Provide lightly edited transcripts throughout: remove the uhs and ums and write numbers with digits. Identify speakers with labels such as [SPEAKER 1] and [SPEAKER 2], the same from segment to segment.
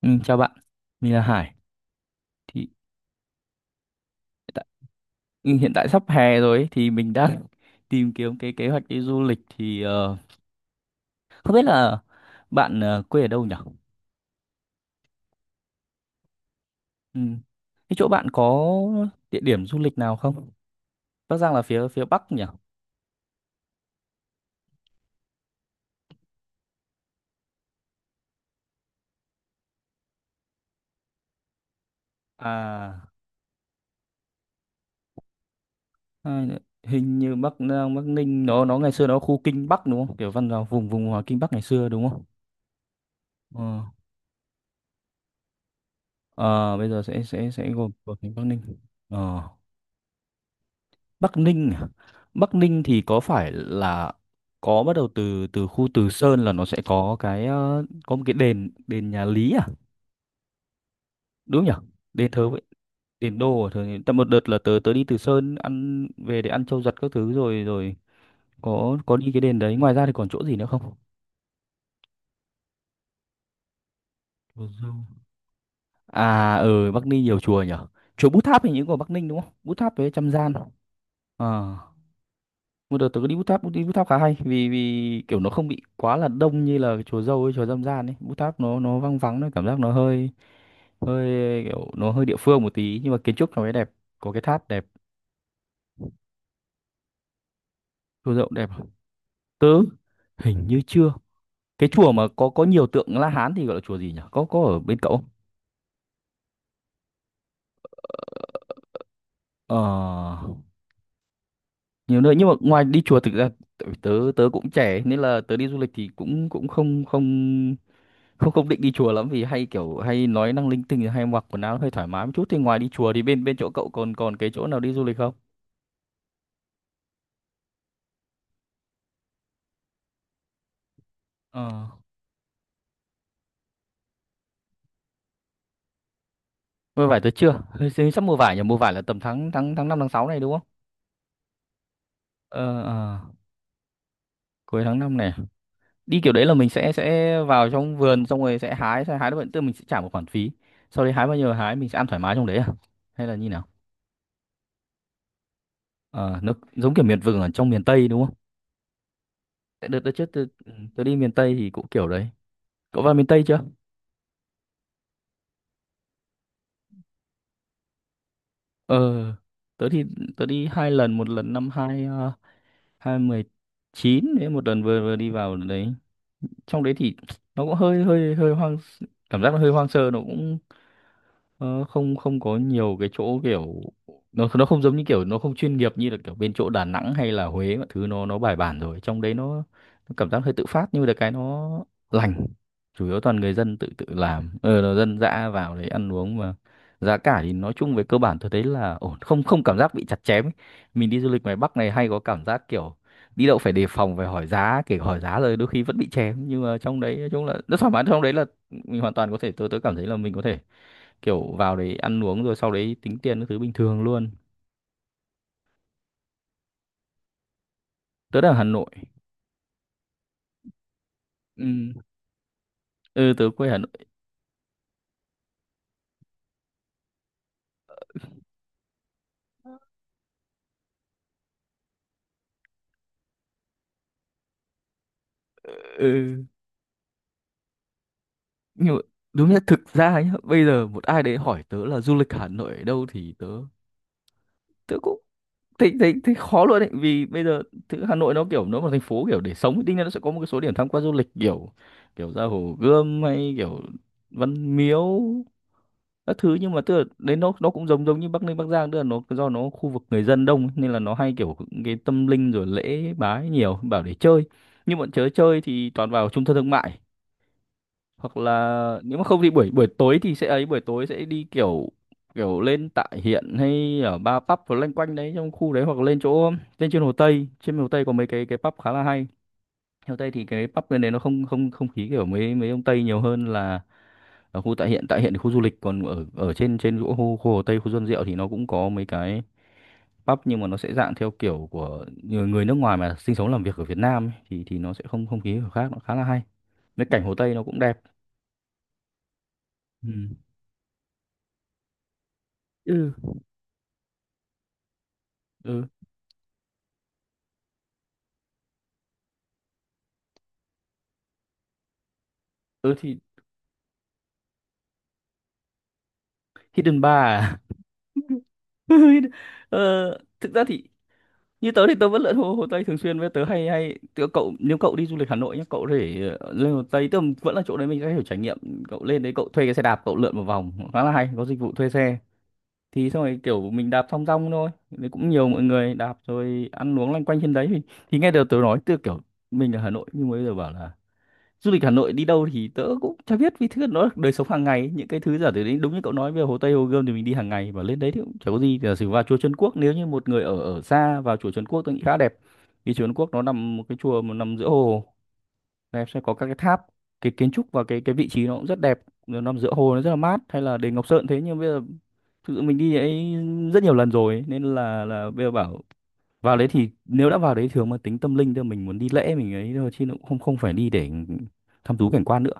[SPEAKER 1] Ừ, chào bạn, mình là Hải. Thì tại, hiện tại sắp hè rồi ấy, thì mình đang tìm kiếm cái kế hoạch đi du lịch, thì không biết là bạn quê ở đâu nhỉ? Ừ. Cái chỗ bạn có địa điểm du lịch nào không? Bắc Giang là phía phía Bắc nhỉ? À, hai hình như Bắc Giang, Bắc Ninh, nó ngày xưa nó khu Kinh Bắc đúng không? Kiểu văn vào vùng vùng Kinh Bắc ngày xưa đúng không? Ờ. Ờ, bây giờ sẽ gồm của thành Bắc Ninh. Ờ. Bắc Ninh à? Bắc Ninh thì có phải là có bắt đầu từ từ khu Từ Sơn, là nó sẽ có cái có một cái đền đền nhà Lý à, đúng nhỉ? Đền thờ vậy đền đô à? Thờ tại một đợt là tớ tớ đi Từ Sơn, ăn về để ăn trâu giật các thứ, rồi rồi có đi cái đền đấy. Ngoài ra thì còn chỗ gì nữa không? Chùa Dâu. À, ở Bắc Ninh nhiều chùa nhỉ, chùa Bút Tháp hình như của Bắc Ninh đúng không? Bút Tháp với Trăm Gian. À, một đợt tớ có đi Bút Tháp. Đi Bút Tháp khá hay, vì vì kiểu nó không bị quá là đông như là cái chùa Dâu ấy, chùa Dâm Gian ấy. Bút Tháp nó vắng vắng, nó cảm giác nó hơi hơi kiểu nó hơi địa phương một tí, nhưng mà kiến trúc nó mới đẹp, có cái tháp đẹp. Chùa Dậu đẹp. Tớ hình như chưa. Cái chùa mà có nhiều tượng La Hán thì gọi là chùa gì nhỉ, có ở bên cậu không? ờ Nhiều nơi, nhưng mà ngoài đi chùa, thực ra tại vì tớ tớ cũng trẻ nên là tớ đi du lịch thì cũng cũng không không không không định đi chùa lắm, vì hay kiểu hay nói năng linh tinh, hay mặc quần áo hơi thoải mái một chút. Thì ngoài đi chùa, thì bên bên chỗ cậu còn còn cái chỗ nào đi du lịch không? Ờ, mua vải tớ chưa. Hình sắp mua vải nhỉ. Mua vải là tầm tháng tháng tháng 5 tháng 6 này đúng không? Ờ, ờ. Cuối tháng 5 này, đi kiểu đấy là mình sẽ vào trong vườn, xong rồi sẽ hái được bệnh, tức mình sẽ trả một khoản phí, sau đấy hái bao nhiêu là hái, mình sẽ ăn thoải mái trong đấy à, hay là như nào? Ờ, nó giống kiểu miệt vườn ở trong miền Tây đúng không? Tại Đợt đợt trước tớ, tớ đi miền Tây thì cũng kiểu đấy. Cậu vào miền Tây chưa? Ờ, tớ thì tớ đi hai lần, một lần năm hai mười chín, đấy, một lần vừa vừa đi vào đấy. Trong đấy thì nó cũng hơi hơi hơi hoang, cảm giác nó hơi hoang sơ, nó cũng ờ, không không có nhiều cái chỗ kiểu, nó không giống như kiểu, nó không chuyên nghiệp như là kiểu bên chỗ Đà Nẵng hay là Huế, mọi thứ nó bài bản rồi. Trong đấy nó, cảm giác hơi tự phát, nhưng mà được cái nó lành, chủ yếu toàn người dân tự tự làm, là dân dã vào đấy ăn uống mà. Giá cả thì nói chung về cơ bản tôi thấy là ổn, không không cảm giác bị chặt chém ấy. Mình đi du lịch ngoài Bắc này hay có cảm giác kiểu đi đâu phải đề phòng, phải hỏi giá, kể cả hỏi giá rồi đôi khi vẫn bị chém. Nhưng mà trong đấy nói chung là rất thoải mái. Trong đấy là mình hoàn toàn có thể, tôi cảm thấy là mình có thể kiểu vào đấy ăn uống rồi sau đấy tính tiền các thứ bình thường luôn. Tớ đang ở Hà Nội. Ừ, ừ, tớ quê Hà Nội. Ừ, nhưng mà đúng nhất thực ra nhá, bây giờ một ai đấy hỏi tớ là du lịch Hà Nội ở đâu, thì tớ tớ cũng thấy thấy thấy khó luôn đấy. Vì bây giờ thứ Hà Nội nó kiểu nó là thành phố kiểu để sống, thì đương nhiên nó sẽ có một cái số điểm tham quan du lịch kiểu kiểu ra Hồ Gươm hay kiểu Văn Miếu các thứ. Nhưng mà tức là đấy, nó cũng giống giống như Bắc Ninh Bắc Giang, tức là nó do nó khu vực người dân đông ấy, nên là nó hay kiểu cái tâm linh rồi lễ bái nhiều, bảo để chơi nhưng bọn chớ chơi thì toàn vào trung tâm thương mại, hoặc là nếu mà không thì buổi buổi tối, thì sẽ ấy, buổi tối sẽ đi kiểu kiểu lên tại hiện, hay ở ba pub và loanh quanh đấy trong khu đấy, hoặc là lên chỗ, lên trên Hồ Tây. Trên Hồ Tây có mấy cái pub khá là hay. Hồ Tây thì cái pub bên đấy nó không, không khí kiểu mấy mấy ông Tây nhiều hơn là ở khu tại hiện thì khu du lịch còn ở, trên, chỗ khu, Hồ Tây, khu Xuân Diệu, thì nó cũng có mấy cái pub, nhưng mà nó sẽ dạng theo kiểu của người, nước ngoài mà sinh sống làm việc ở Việt Nam ấy, thì nó sẽ không, không khí kiểu khác, nó khá là hay. Cái cảnh Hồ Tây nó cũng đẹp. Ừ. Ừ, ừ, ừ, thì Hidden Bar à? ờ, Thực ra thì như tớ thì tớ vẫn lượn Hồ Tây thường xuyên. Với tớ hay hay tớ, cậu, nếu cậu đi du lịch Hà Nội nhá, cậu để lên Hồ Tây, tức là vẫn là chỗ đấy, mình sẽ hiểu trải nghiệm. Cậu lên đấy, cậu thuê cái xe đạp, cậu lượn một vòng khá là hay, có dịch vụ thuê xe, thì xong rồi kiểu mình đạp thong dong thôi, đấy cũng nhiều mọi người đạp rồi ăn uống loanh quanh trên đấy. Thì nghe được tớ nói từ kiểu mình ở Hà Nội, nhưng mới giờ bảo là du lịch Hà Nội đi đâu, thì tớ cũng chả biết. Vì thứ nó là đời sống hàng ngày, những cái thứ giả từ đấy đúng như cậu nói về Hồ Tây Hồ Gươm thì mình đi hàng ngày, và lên đấy thì cũng chả có gì. Giả sử vào chùa Trấn Quốc, nếu như một người ở ở xa vào chùa Trấn Quốc, tôi nghĩ khá đẹp, vì chùa Trấn Quốc nó nằm một cái chùa mà nằm giữa hồ đẹp, sẽ có các cái tháp, cái kiến trúc và cái vị trí nó cũng rất đẹp, nó nằm giữa hồ nó rất là mát, hay là đền Ngọc Sơn. Thế nhưng bây giờ thực sự mình đi ấy rất nhiều lần rồi ấy, nên là bây giờ bảo vào đấy, thì nếu đã vào đấy thường mà tính tâm linh thôi, mình muốn đi lễ mình ấy thôi, chứ nó cũng không không phải đi để thăm thú cảnh quan nữa.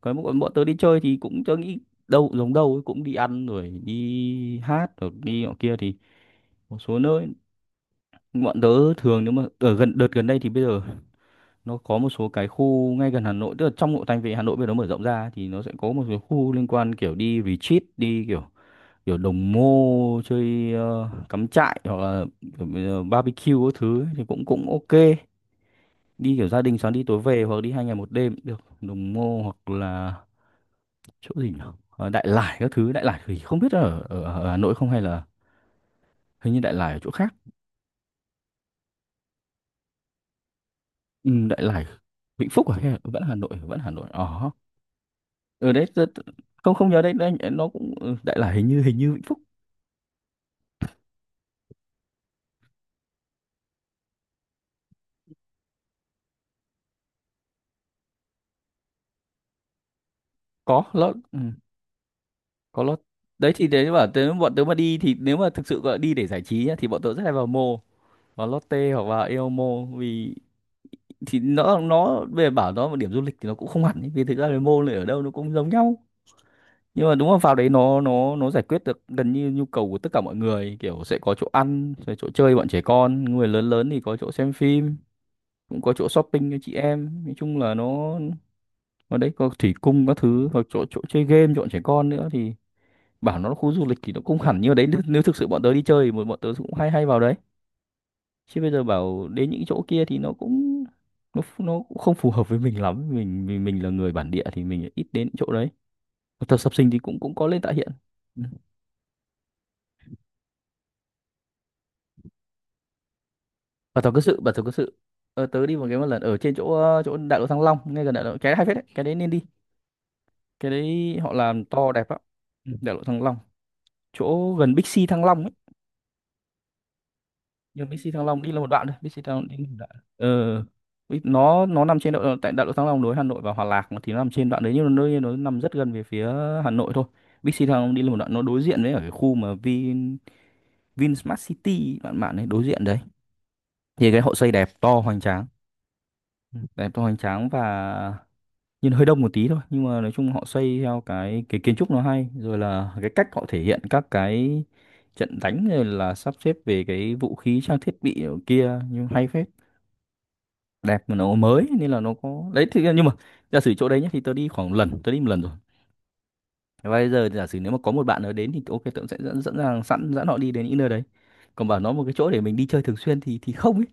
[SPEAKER 1] Còn bọn tớ đi chơi thì cũng tớ nghĩ đâu giống đâu ấy, cũng đi ăn rồi đi hát rồi đi nọ kia. Thì một số nơi bọn tớ thường, nếu mà ở gần đợt gần đây, thì bây giờ nó có một số cái khu ngay gần Hà Nội, tức là trong nội thành về Hà Nội bây giờ nó mở rộng ra, thì nó sẽ có một số khu liên quan kiểu đi retreat, đi kiểu kiểu đồng mô chơi, cắm trại, hoặc là kiểu, barbecue các thứ ấy, thì cũng cũng ok. Đi kiểu gia đình sáng đi tối về, hoặc đi 2 ngày 1 đêm cũng được, Đồng Mô, hoặc là chỗ gì nhỉ? Ờ, Đại Lải các thứ. Đại Lải thì không biết ở Hà Nội không, hay là hình như Đại Lải ở chỗ khác. Ừ, Đại Lải Vĩnh Phúc à, hay là vẫn Hà Nội? Vẫn Hà Nội ờ, ở đấy không không nhớ đấy, đấy nó cũng Đại Lải hình như Vĩnh Phúc. Có lót, có lót, đấy thì đấy bảo tớ, bọn tớ mà đi, thì nếu mà thực sự gọi đi để giải trí nhá, thì bọn tớ rất hay vào vào Lotte hoặc vào Eomo. Vì thì nó về bảo nó một điểm du lịch thì nó cũng không hẳn ấy. Vì thực ra là môn này ở đâu nó cũng giống nhau, nhưng mà đúng là vào đấy nó giải quyết được gần như nhu cầu của tất cả mọi người, kiểu sẽ có chỗ ăn, sẽ chỗ chơi bọn trẻ con, người lớn lớn thì có chỗ xem phim, cũng có chỗ shopping cho chị em, nói chung là nó ở đấy có thủy cung các thứ hoặc chỗ chỗ chơi game cho bọn trẻ con nữa. Thì bảo nó là khu du lịch thì nó cũng hẳn như ở đấy, nếu thực sự bọn tớ đi chơi thì bọn bọn tớ cũng hay hay vào đấy, chứ bây giờ bảo đến những chỗ kia thì nó cũng không phù hợp với mình lắm. Mình là người bản địa thì mình ít đến những chỗ đấy. Tập sập sinh thì cũng cũng có lên tại hiện. Ừ. Bảo tàu cơ sự, bảo tàu cơ sự. Tớ đi một cái một lần ở trên chỗ chỗ đại lộ Thăng Long, ngay gần đại lộ. Cái hay phết đấy, cái đấy nên đi. Cái đấy họ làm to đẹp lắm. Ừ, đại lộ Thăng Long, chỗ gần Big C Thăng Long ấy. Nhưng Bixi Thăng Long đi là một đoạn thôi, Bixi Thăng Long đi là một đoạn. ờ Bích- nó nằm trên độ tại đại lộ Thăng Long nối Hà Nội và Hòa Lạc mà, thì nó nằm trên đoạn đấy, nhưng nó nằm rất gần về phía Hà Nội thôi. Bixi Thăng Long đi là một đoạn, nó đối diện với ở cái khu mà Vinsmart City, bạn bạn ấy, đối diện đấy. Thì cái họ xây đẹp, to hoành tráng. Ừ, đẹp to hoành tráng, và nhìn hơi đông một tí thôi, nhưng mà nói chung họ xây theo cái kiến trúc nó hay, rồi là cái cách họ thể hiện các cái trận đánh, rồi là sắp xếp về cái vũ khí trang thiết bị ở kia, nhưng hay phết. Đẹp mà nó mới nên là nó có đấy. Thì nhưng mà giả sử chỗ đấy nhé, thì tớ đi khoảng lần, tớ đi một lần rồi, và bây giờ giả sử nếu mà có một bạn nào đến thì ok, tớ cũng sẽ dẫn dẫn rằng sẵn dẫn họ đi đến những nơi đấy. Còn bảo nó một cái chỗ để mình đi chơi thường xuyên thì không ấy.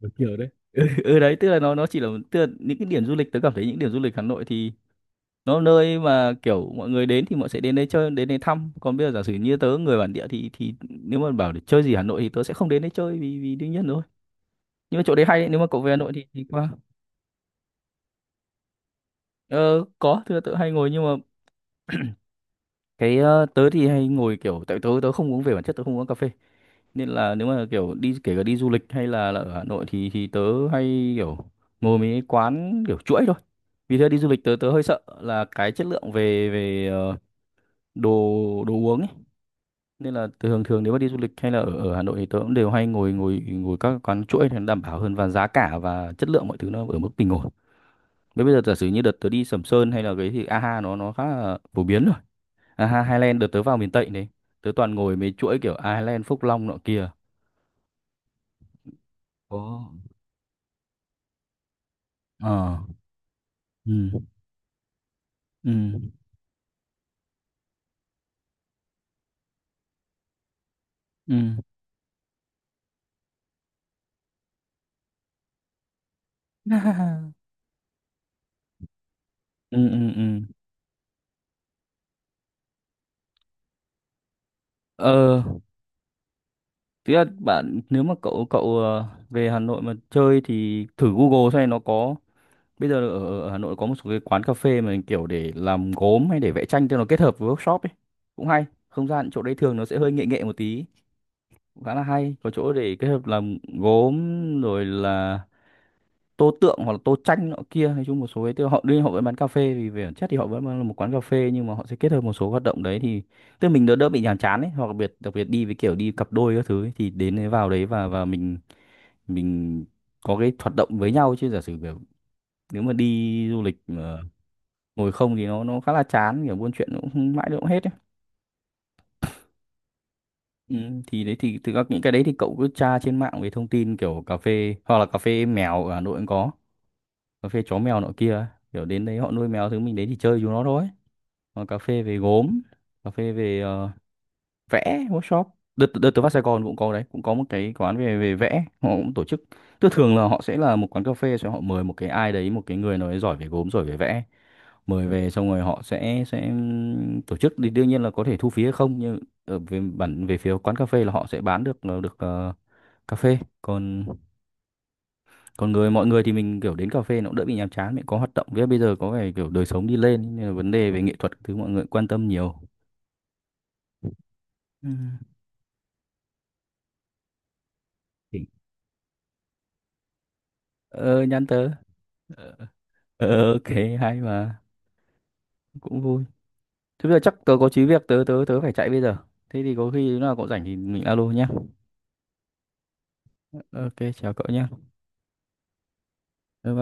[SPEAKER 1] Được kiểu đấy, ừ, ừ đấy, tức là nó chỉ là, tức là những cái điểm du lịch, tớ cảm thấy những điểm du lịch Hà Nội thì nó nơi mà kiểu mọi người đến thì mọi sẽ đến đây chơi, đến đây thăm. Còn bây giờ giả sử như tớ người bản địa thì nếu mà bảo để chơi gì Hà Nội thì tớ sẽ không đến đây chơi, vì vì đương nhiên rồi. Nhưng mà chỗ đấy hay đấy, nếu mà cậu về Hà Nội thì qua. Ờ, có, thưa tớ hay ngồi. Nhưng mà cái tớ thì hay ngồi kiểu, tại tớ tớ không uống, về bản chất tớ không uống cà phê, nên là nếu mà kiểu đi, kể cả đi du lịch hay là ở Hà Nội thì tớ hay kiểu ngồi mấy cái quán kiểu chuỗi thôi. Vì thế đi du lịch tớ tớ hơi sợ là cái chất lượng về về đồ đồ uống ấy. Nên là thường thường, nếu mà đi du lịch hay là ở, ở Hà Nội thì tớ cũng đều hay ngồi ngồi ngồi các quán chuỗi thì nó đảm bảo hơn, và giá cả và chất lượng mọi thứ nó ở mức bình ổn. Thế bây giờ giả sử như đợt tớ đi Sầm Sơn hay là cái thì AHA nó khá là phổ biến rồi. À, Highland đợt tớ vào miền Tây đấy. Tớ toàn ngồi mấy chuỗi kiểu Highland, Phúc Long nọ kia. Ồ. Ờ. Ừ. Ừ. Ừ. Ừ. Ừ. Ừ. Ờ, tức là bạn, nếu mà cậu cậu ờ, về Hà Nội mà chơi thì thử Google xem nó có, bây giờ ở, ở Hà Nội có một số cái quán cà phê mà kiểu để làm gốm hay để vẽ tranh, cho nó kết hợp với workshop ấy. Cũng hay. Không gian chỗ đấy thường nó sẽ hơi nghệ nghệ một tí, cũng khá là hay. Có chỗ để kết hợp làm gốm, rồi là tô tượng, hoặc là tô tranh nọ kia. Nói chung một số ấy, tức là họ đương nhiên họ vẫn bán cà phê, vì về bản chất thì họ vẫn là một quán cà phê, nhưng mà họ sẽ kết hợp một số hoạt động đấy, thì tức là mình đỡ đỡ bị nhàm chán ấy. Hoặc đặc biệt đi với kiểu đi cặp đôi các thứ ấy, thì đến đấy, vào đấy và mình có cái hoạt động với nhau, chứ giả sử kiểu nếu mà đi du lịch mà ngồi không thì nó khá là chán, kiểu buôn chuyện nó cũng không- mãi nó cũng hết ấy. Ừ, thì đấy, thì thực ra những cái đấy thì cậu cứ tra trên mạng về thông tin kiểu cà phê, hoặc là cà phê mèo ở Hà Nội cũng có, cà phê chó mèo nọ kia ấy. Kiểu đến đấy họ nuôi mèo thứ, mình đến thì chơi chúng nó thôi. Còn cà phê về gốm, cà phê về vẽ workshop, đợt đợt tớ vào Sài Gòn cũng có đấy, cũng có một cái quán về về vẽ, họ cũng tổ chức. Tức thường là họ sẽ là một quán cà phê, sẽ họ mời một cái ai đấy, một cái người nào đấy giỏi về gốm, giỏi về vẽ, mời về, xong rồi họ sẽ tổ chức, thì đương nhiên là có thể thu phí hay không, nhưng ở về phía quán cà phê là họ sẽ bán được được cà phê. Còn còn người mọi người thì mình kiểu đến cà phê nó cũng đỡ bị nhàm chán, mình có hoạt động với. Bây giờ có vẻ kiểu đời sống đi lên nên là vấn đề về nghệ thuật thứ mọi người quan tâm nhiều. Ừ. Thì- ờ nhắn tớ. ờ, ok. Hay mà, cũng vui. Thế bây giờ chắc tớ có chí việc, tớ tớ tớ phải chạy bây giờ. Thế thì có khi lúc nào cậu rảnh thì mình alo nhé. Ok, chào cậu nhé. Bye bye.